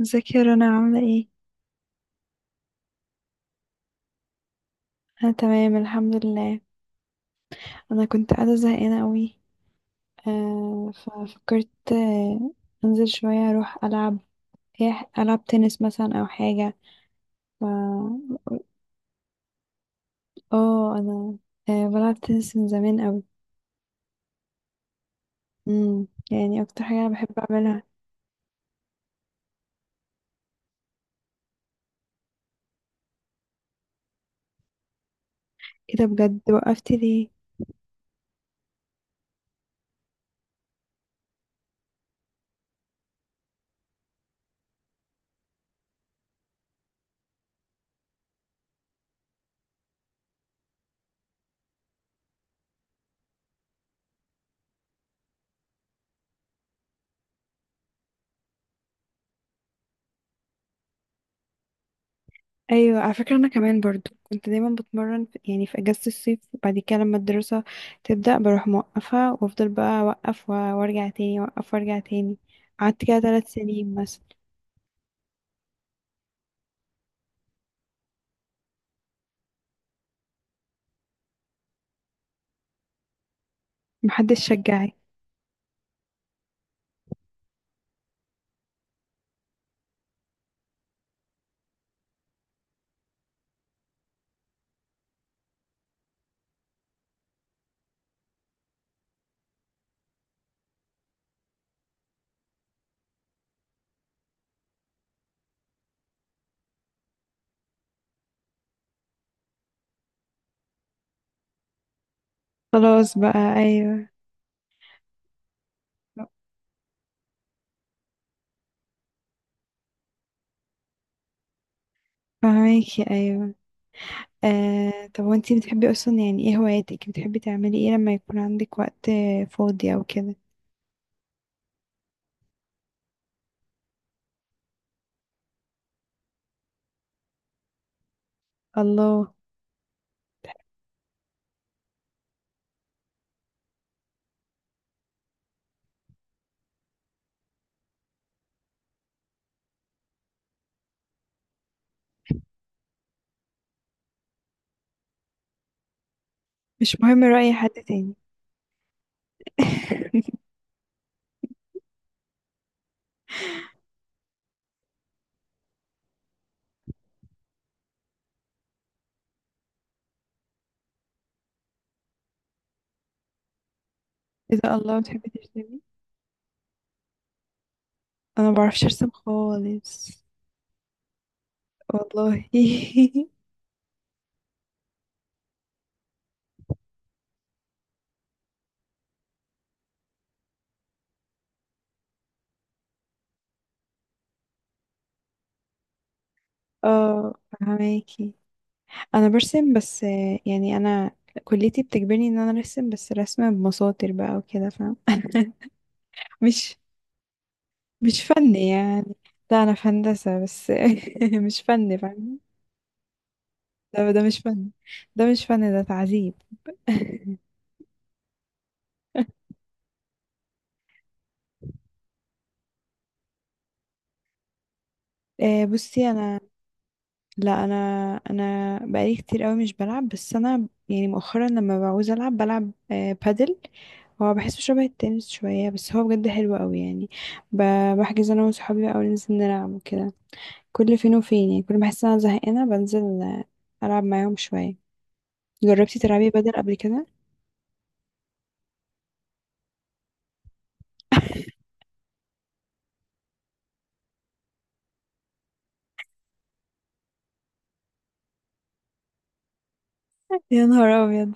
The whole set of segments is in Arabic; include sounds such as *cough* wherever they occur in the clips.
ازيك يا رنا؟ عاملة ايه؟ انا تمام الحمد لله. انا كنت قاعدة زهقانة قوي. ففكرت انزل شوية اروح العب. العب تنس مثلا او حاجة. ف... اه انا بلعب تنس من زمان قوي. يعني اكتر حاجة انا بحب اعملها. ايه ده، بجد وقفتي ليه؟ ايوه، على فكره انا كمان برضو كنت دايما بتمرن في، يعني في اجازه الصيف، وبعد كده لما الدراسه تبدا بروح موقفه وافضل بقى اوقف و- وارجع تاني، اوقف وارجع تاني. قعدت كده 3 سنين مثلا. محدش شجعي. خلاص بقى، ايوه. فهماكي، ايوه. طب، وانتي بتحبي اصلا؟ يعني ايه هواياتك؟ بتحبي تعملي ايه لما يكون عندك وقت فاضي او كده؟ الله. مش مهم رأي حد تاني. *laughs* اذا الله، بتحبي ترسمي. انا ما بعرفش ارسم خالص. والله. *laughs* اه، فهماكي. انا برسم، بس يعني انا كليتي بتجبرني ان انا ارسم، بس رسمة بمساطر بقى وكده، فاهم؟ *laughs* مش، مش فن يعني. لا، انا في هندسة بس. *laughs* مش فن، فاهم؟ ده مش فن. ده مش فن، ده تعذيب. *laughs* بصي انا، لا انا بقالي كتير قوي مش بلعب، بس انا يعني مؤخرا لما بعوز العب بلعب بادل. هو بحسه شبه التنس شوية، بس هو بجد حلو قوي يعني. بحجز انا وصحابي بقى، وننزل نلعب وكده، كل فين وفين. يعني كل ما احس إن انا زهقانة بنزل العب معاهم شوية. جربتي تلعبي بدل قبل كده؟ يا نهار أبيض.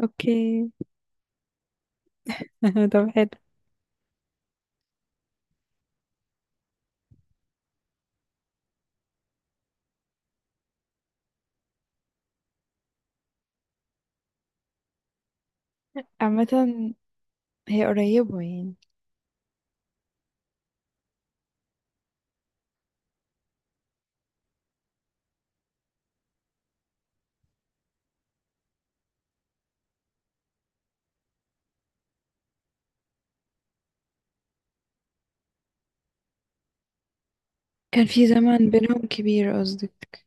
اوكي. *laughs* طب، حلو. عامة هي قريبة يعني. كان في زمن بينهم كبير قصدك. *laughs*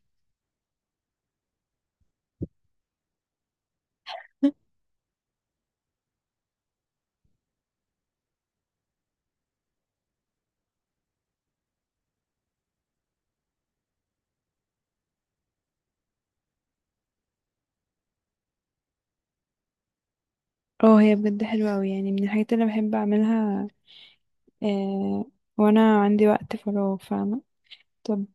اه، هي بجد حلوة قوي يعني، من الحاجات اللي بحب اعملها آه وانا عندي وقت فراغ، فاهمة؟ طب،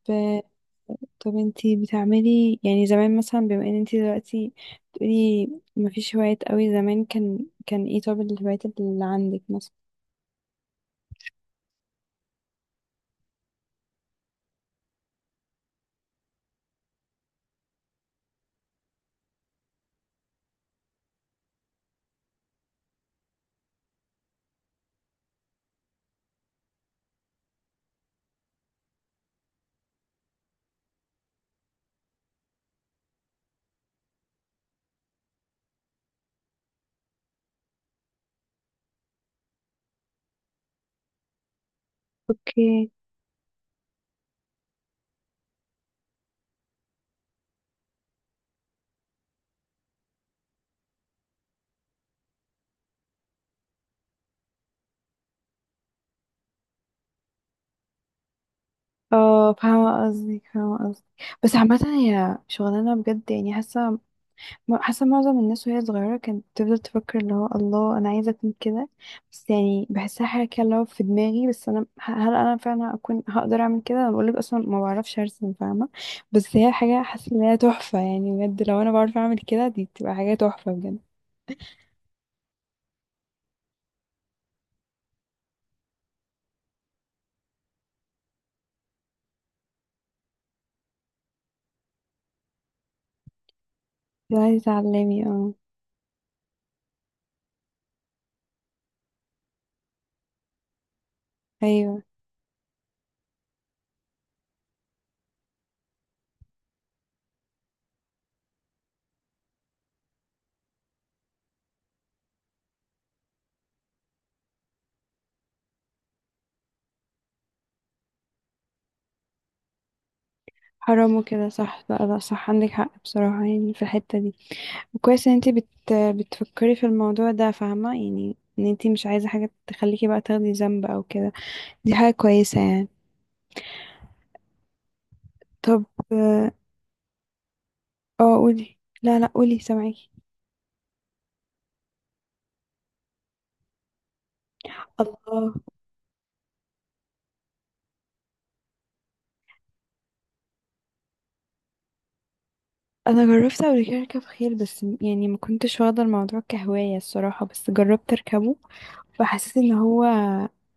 انتي بتعملي يعني زمان مثلا، بما ان انتي دلوقتي بتقولي مفيش هوايات قوي، زمان كان ايه؟ طب الهوايات اللي عندك مثلا؟ اوكي. اه، فاهمة قصدك، فاهمة قصدك. بس عامة هي شغلانة بجد، يعني حاسة، حاسة معظم الناس وهي صغيرة كانت بتفضل تفكر اللي هو، الله، أنا عايزة أكون كده. بس يعني بحسها حاجة كده اللي هو في دماغي، بس أنا، هل أنا فعلا أكون هقدر أعمل كده؟ أنا بقولك أصلا ما بعرفش أرسم، فاهمة؟ بس هي حاجة، حاسة إن هي تحفة يعني، بجد لو أنا بعرف أعمل كده دي بتبقى حاجة تحفة بجد. لو عايزة تعلمي، اه. أيوه. حرام وكده، صح. لا لا، صح عندك حق بصراحة يعني في الحتة دي. وكويس إن انتي بتفكري في الموضوع ده، فاهمة؟ يعني إن انتي مش عايزة حاجة تخليكي بقى تاخدي ذنب أو كده. دي حاجة كويسة يعني. طب. اه. قولي. لا لا، قولي، سامعاكي. الله. انا جربت قبل كده اركب خيل، بس يعني ما كنتش واخده الموضوع كهوايه الصراحه، بس جربت اركبه فحسيت ان هو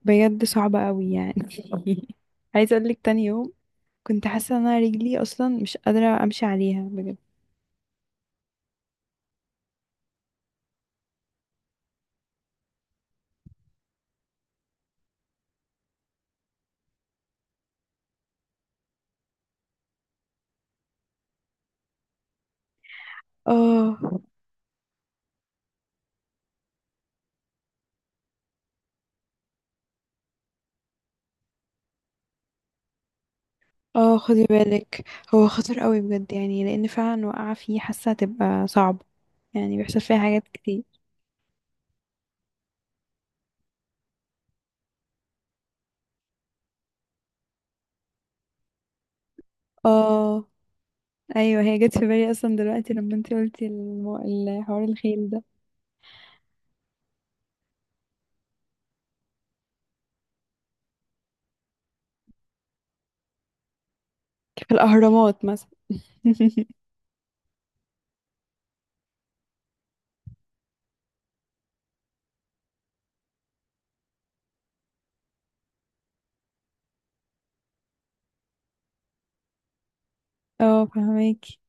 بجد صعب قوي يعني. *laughs* عايزه اقول لك، تاني يوم كنت حاسه ان انا رجلي اصلا مش قادره امشي عليها بجد. اه. اه خدي بالك، هو خطر قوي بجد يعني، لان فعلا وقع فيه حاسه هتبقى صعبه، يعني بيحصل فيها حاجات كتير. اه. ايوه، هي جت في بالي اصلا دلوقتي لما انت قلتي الحوار الخيل ده، في الاهرامات مثلا. *laughs* اه، فهماكي.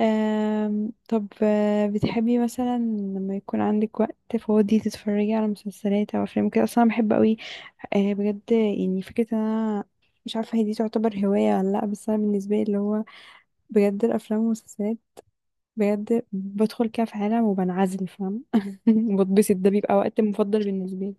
طب، بتحبي مثلا لما يكون عندك وقت فاضي تتفرجي على مسلسلات او افلام كده؟ اصلا أنا بحب قوي. أه بجد، يعني فكره ان انا مش عارفه هي دي تعتبر هوايه ولا لا، بس انا بالنسبه لي اللي هو بجد الافلام والمسلسلات، بجد بدخل كده في عالم وبنعزل، فاهم؟ *laughs* بتبسط، ده بيبقى وقت مفضل بالنسبه لي.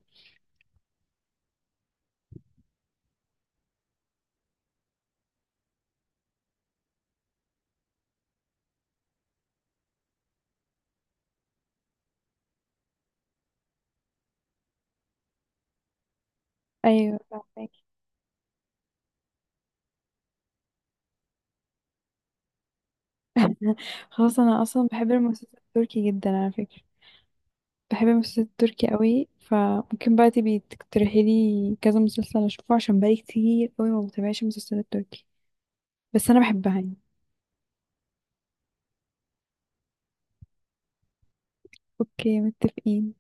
ايوه، فهماكي. خلاص، انا اصلا بحب المسلسل التركي جدا على فكرة. بحب المسلسل التركي قوي، فممكن بقى تبي تقترحي لي كذا مسلسل اشوفه؟ عشان بقالي كتير قوي ما بتابعش المسلسلات التركي، بس انا بحبها يعني. اوكي، متفقين.